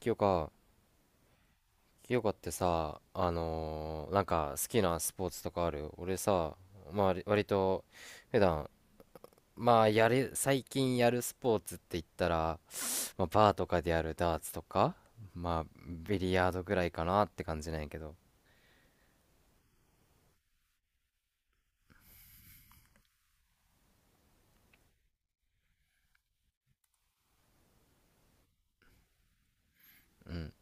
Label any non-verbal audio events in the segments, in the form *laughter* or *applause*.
清香、清香ってさ、なんか好きなスポーツとかある？俺さ、まあ割と普段、まあ最近やるスポーツって言ったら、まあバーとかでやるダーツとか、まあビリヤードぐらいかなって感じなんやけど。うん。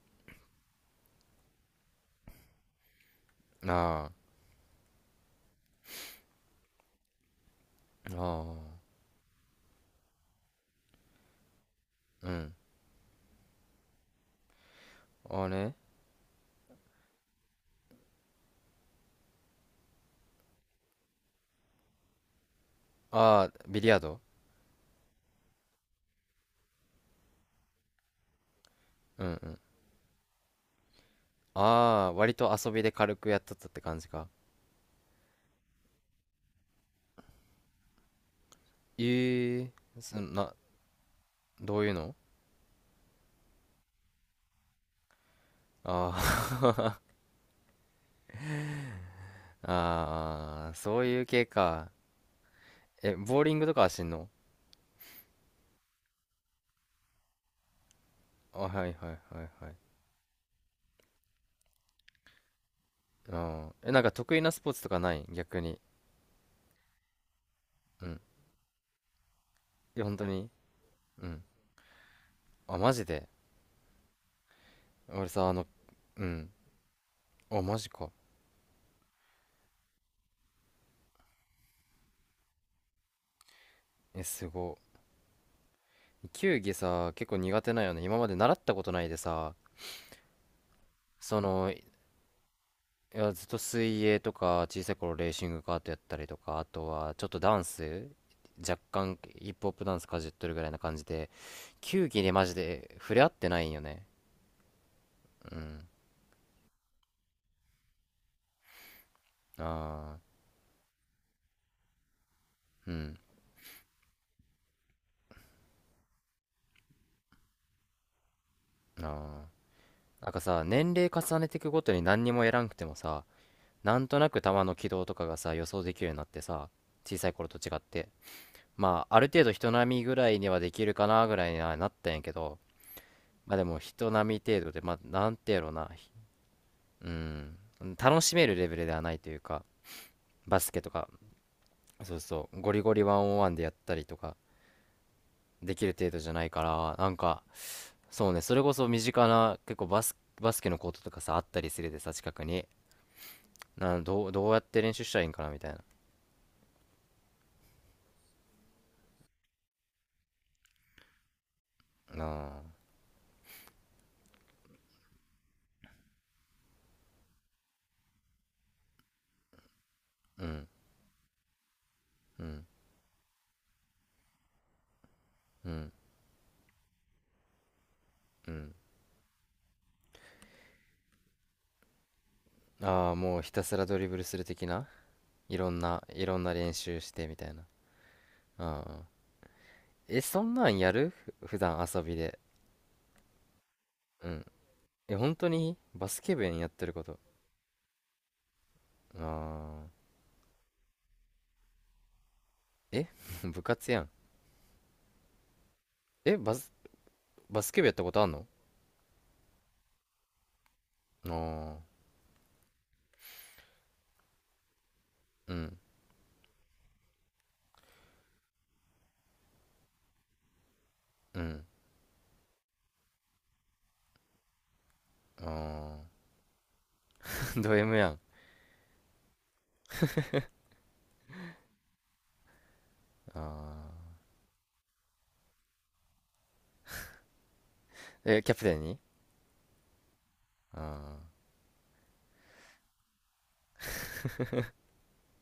ああ、ああ、うん。ああね。ああ、ビリヤード。うんうん。ああ、割と遊びで軽くやっとったって感じか。ええ、そんな、どういうの？ああ *laughs* ああ、そういう系か。え、ボーリングとかはしんの？あ、はいはいはいはい。うん。え、なんか得意なスポーツとかない？逆に。うん。いや、本当に？うん。あ、マジで？俺さ、あの、うん。あ、マジか。え、すご。球技さ、結構苦手なんよね。今まで習ったことないでさ、その、いや、ずっと水泳とか、小さい頃レーシングカートやったりとか、あとはちょっとダンス、若干ヒップホップダンスかじっとるぐらいな感じで、球技でマジで触れ合ってないんよね。うん。ああ、うん。ああ。なんかさ、年齢重ねていくごとに何にもやらんくてもさ、なんとなく球の軌道とかがさ、予想できるようになってさ、小さい頃と違って。まあ、ある程度人並みぐらいにはできるかなぐらいにはなったんやけど、まあでも人並み程度で、まあ、なんてやろうな。うん、楽しめるレベルではないというか、バスケとか、そうそう、ゴリゴリワンオンワンでやったりとか、できる程度じゃないから、なんか、そうね、それこそ身近な、結構バスケのコートとかさ、あったりするでさ、近くに。な、どう、どうやって練習したらいいんかな、みたいな。ああ、うん、うん、うん、うん。ああ、もうひたすらドリブルする的な、いろんな練習してみたいな。ああ。え、そんなんやる普段遊びで。うん。え、本当にバスケ部員やってること。あー、え *laughs* 部活やん。え、バスケ部やったことあんの？ああー、うん、うん、ああ、*laughs* ド M やん。ああ、え、キャプテンに？あ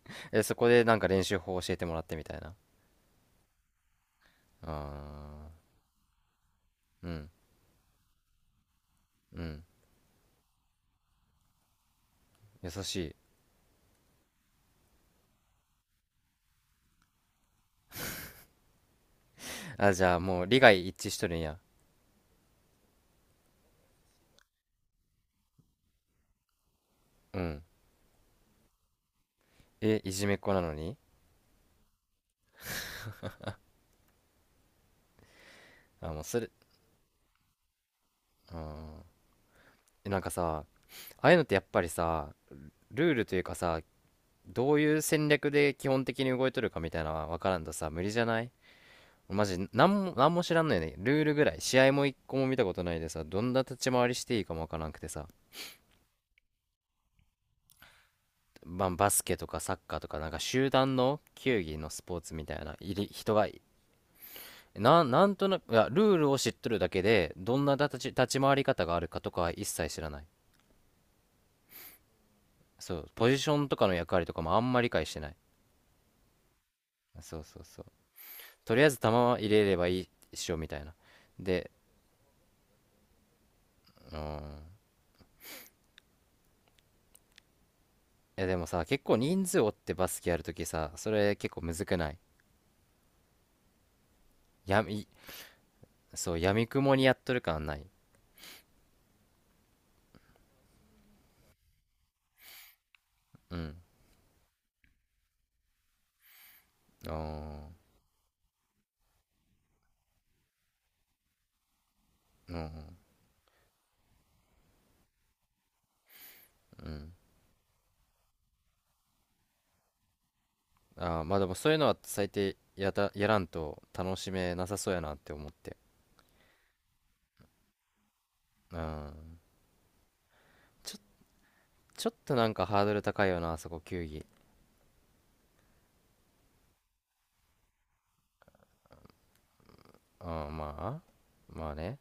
あ、え、そこでなんか練習法教えてもらってみたいな。ああ、うん、うん、優しい。あ、じゃあもう利害一致しとるんや。うん。え、いじめっ子なのに？あ、もうそれ、あー、え、なんかさ、ああいうのってやっぱりさ、ルールというかさ、どういう戦略で基本的に動いとるかみたいなのは分からんとさ、無理じゃない？マジ、なんも知らんのよね。ルールぐらい。試合も一個も見たことないでさ、どんな立ち回りしていいかも分からなくてさ。まあ、バスケとかサッカーとか、なんか集団の球技のスポーツみたいな、いり人が、なんとなく、いや、ルールを知っとるだけで、どんな立ち回り方があるかとかは一切知らない。そう、ポジションとかの役割とかもあんまり理解してない。そうそうそう。とりあえず球は入れればいいっしょ、みたいな。で、うーん。いやでもさ、結構人数おってバスケやるときさ、それ結構むずくない？やみ、そう、やみくもにやっとる感ない。うん。ああ、うん、うん。ああ、まあでもそういうのは最低やらんと楽しめなさそうやなって思って。うん。ちょ、ちょっとなんかハードル高いよな、あそこ球技。うん、まあ、まあね。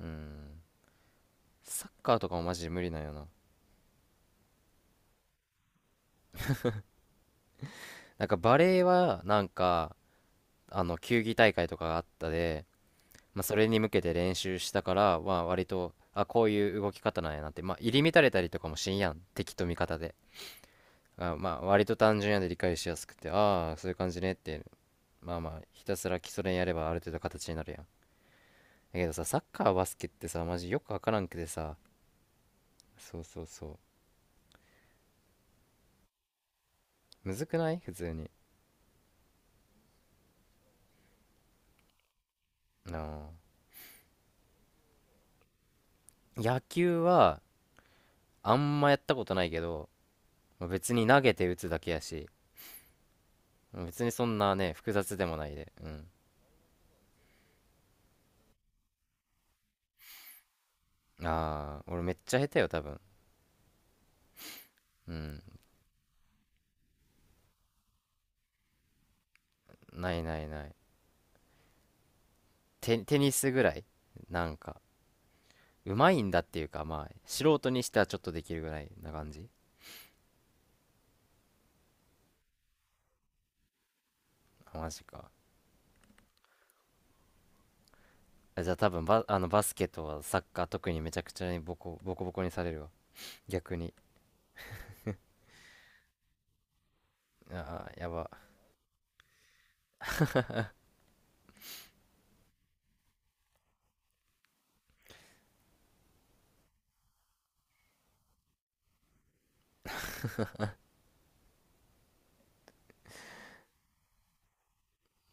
うん。サッカーとかもマジで無理なんよな。なんかバレーは、なんか、球技大会とかがあったで、まあ、それに向けて練習したから、まあ、割と、あ、こういう動き方なんやなって、まあ、入り乱れたりとかもしんやん敵と味方で、あ、まあ、割と単純やで理解しやすくて、ああー、そういう感じねって、まあまあ、ひたすら基礎練やればある程度形になるやん。だけどさ、サッカーバスケってさ、マジよくわからんくてさ、そうそうそう、むずくない？普通に。あー、野球はあんまやったことないけど、まあ、別に投げて打つだけやし、別にそんなね、複雑でもないで。うん。ああ、俺めっちゃ下手よ、多分。うん。ないないない。テニスぐらい、なんか、うまいんだっていうか、まあ素人にしてはちょっとできるぐらいな感じ。あ、マジか。あ、じゃあ多分、バ、あのバスケとはサッカー特に、めちゃくちゃにボコボコにされるわ、逆に。ああ、やば。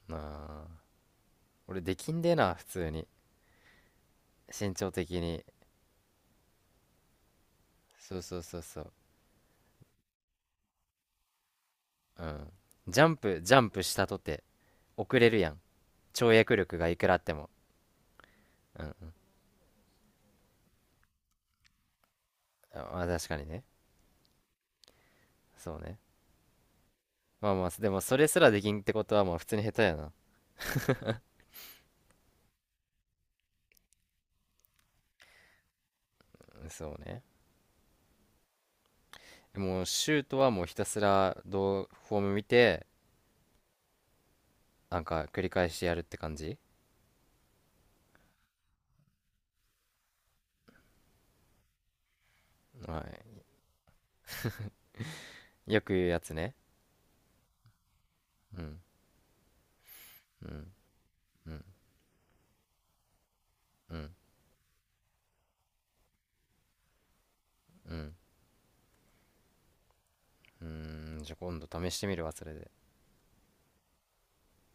なあ、俺できんでな、普通に、身長的に。そうそうそうそう。うん。ジャンプしたとて遅れるやん、跳躍力がいくらあっても。うん。うん。あ、まあ確かにね。そうね。まあまあ、でもそれすらできんってことは、まあ普通に下手やな。うん、そうね。もうシュートはもうひたすら、どうフォーム見て、なんか繰り返してやるって感じ。はい。よく言うやつね。うん、うん、うん、うん、うん。うーん、じゃあ今度試してみるわ、それで。